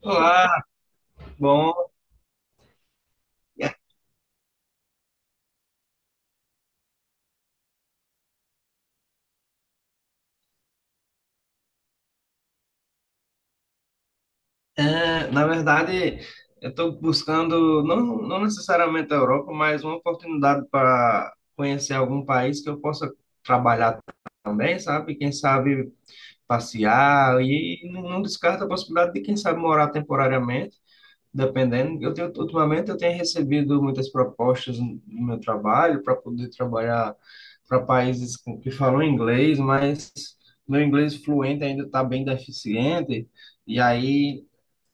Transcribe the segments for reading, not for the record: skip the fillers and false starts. Olá, bom. É, na verdade, eu estou buscando, não necessariamente a Europa, mas uma oportunidade para conhecer algum país que eu possa trabalhar também, sabe? Quem sabe passear e não descarta a possibilidade de, quem sabe, morar temporariamente. Dependendo, ultimamente eu tenho recebido muitas propostas no meu trabalho para poder trabalhar para países que falam inglês, mas meu inglês fluente ainda está bem deficiente, e aí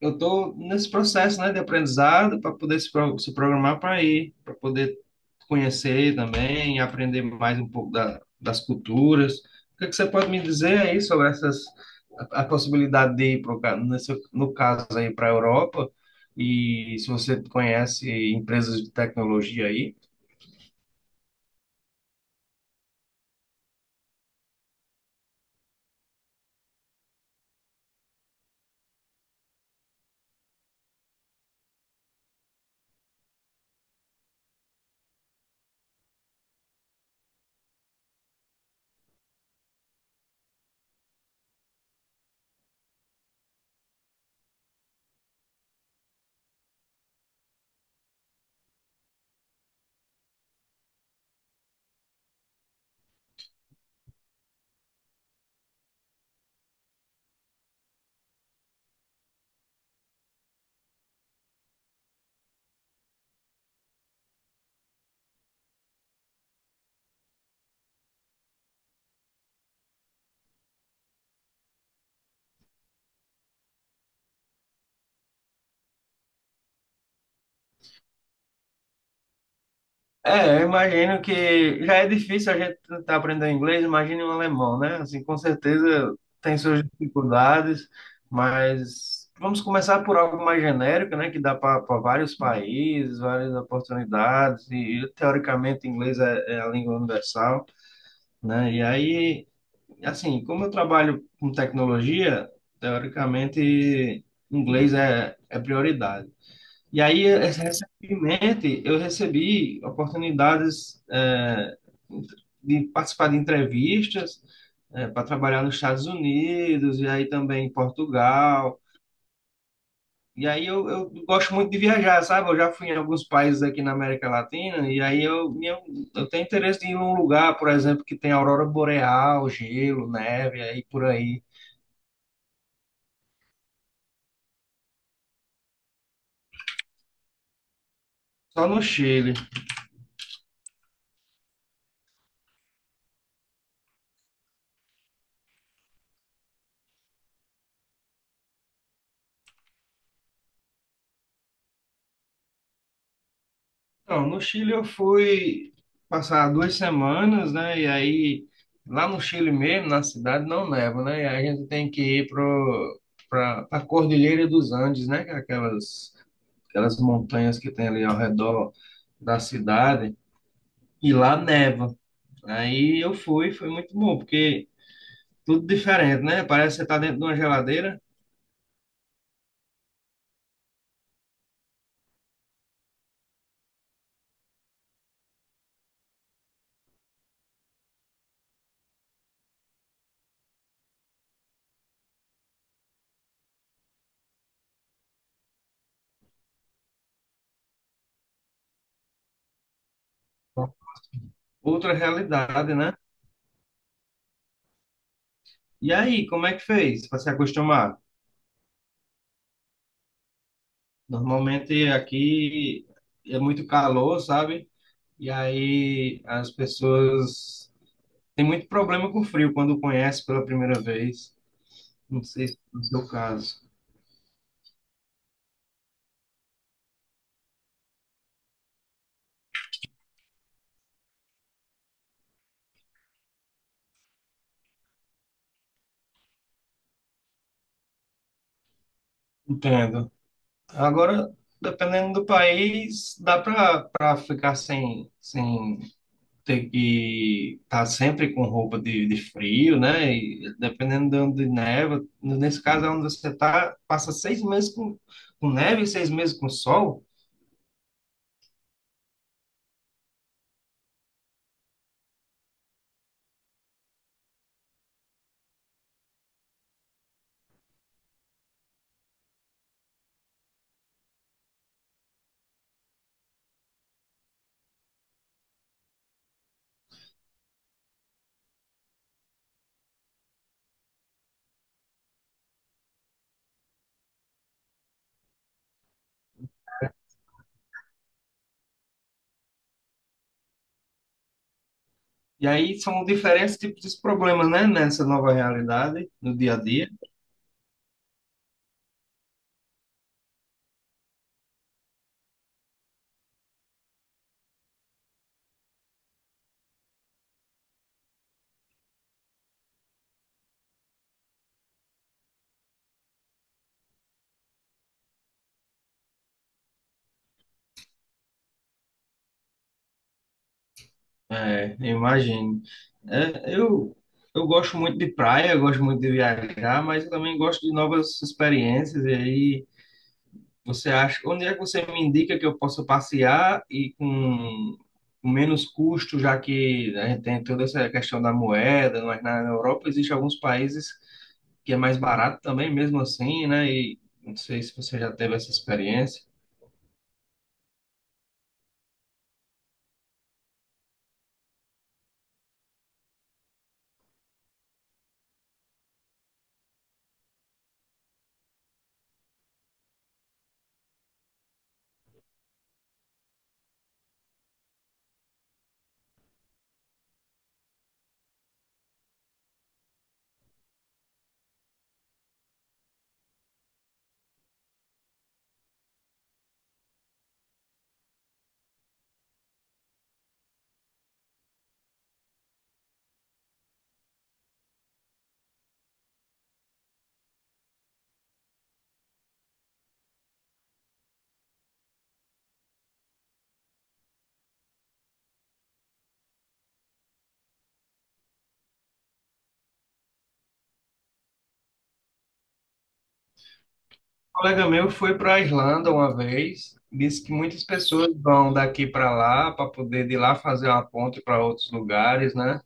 eu estou nesse processo, né, de aprendizado para poder se programar para ir, para poder conhecer também, aprender mais um pouco das culturas. O que é que você pode me dizer aí sobre a possibilidade de ir no caso aí para a Europa e se você conhece empresas de tecnologia aí? É, eu imagino que já é difícil a gente estar aprendendo inglês, imagine um alemão, né? Assim, com certeza tem suas dificuldades, mas vamos começar por algo mais genérico, né? Que dá para vários países, várias oportunidades, teoricamente inglês é a língua universal, né? E aí, assim, como eu trabalho com tecnologia, teoricamente inglês é prioridade. E aí, recentemente, eu recebi oportunidades de participar de entrevistas para trabalhar nos Estados Unidos e aí também em Portugal. E aí eu gosto muito de viajar, sabe? Eu já fui em alguns países aqui na América Latina e aí eu tenho interesse em ir num lugar, por exemplo, que tem aurora boreal, gelo, neve, aí por aí. Só no Chile. Então, no Chile eu fui passar 2 semanas, né? E aí, lá no Chile mesmo, na cidade, não neva, né? E aí a gente tem que ir pra Cordilheira dos Andes, né? Que é aquelas montanhas que tem ali ao redor da cidade. E lá neva. Aí eu fui, foi muito bom, porque tudo diferente, né? Parece que você tá dentro de uma geladeira, outra realidade, né? E aí, como é que fez para se acostumar? Normalmente aqui é muito calor, sabe? E aí as pessoas têm muito problema com frio quando conhece pela primeira vez. Não sei se é o seu caso. Entendo. Agora, dependendo do país, dá para ficar sem ter que estar sempre com roupa de frio, né? E dependendo de onde neva, nesse caso é onde você tá, passa 6 meses com neve e 6 meses com sol. E aí são diferentes tipos de problemas, né, nessa nova realidade, no dia a dia. É, eu imagino. É, eu, eu gosto muito de praia, eu gosto muito de viajar, mas eu também gosto de novas experiências. E aí, você acha, onde é que você me indica que eu possa passear e com menos custo, já que a gente tem toda essa questão da moeda, mas na Europa existe alguns países que é mais barato também, mesmo assim, né? E não sei se você já teve essa experiência. Um colega meu foi para a Islândia uma vez, disse que muitas pessoas vão daqui para lá para poder de lá fazer uma ponte para outros lugares, né?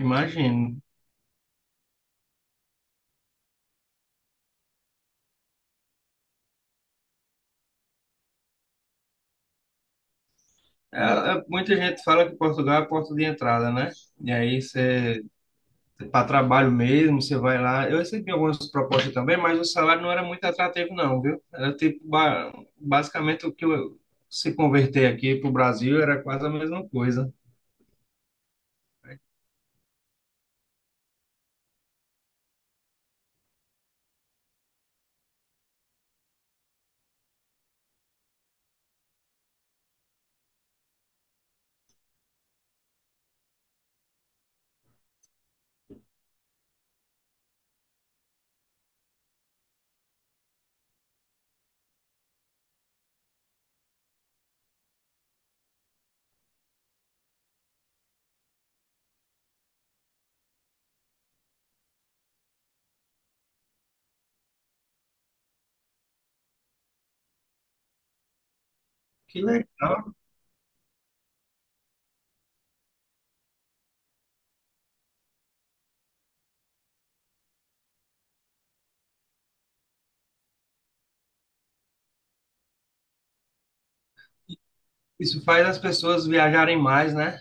Imagino. Muita gente fala que Portugal é a porta de entrada, né? E aí você, para trabalho mesmo, você vai lá. Eu recebi algumas propostas também, mas o salário não era muito atrativo, não, viu? Era tipo, basicamente o que se converter aqui para o Brasil era quase a mesma coisa. Que legal. Isso faz as pessoas viajarem mais, né?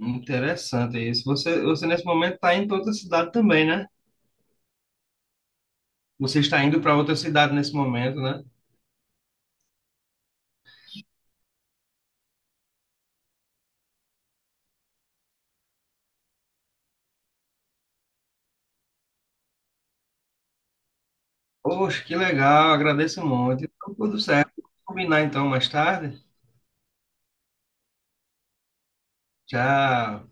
Interessante isso. Você nesse momento está indo para outra cidade também, né? Você está indo para outra cidade nesse momento, né? Poxa, que legal, agradeço muito. Então, tudo certo. Vamos combinar então mais tarde. Tchau.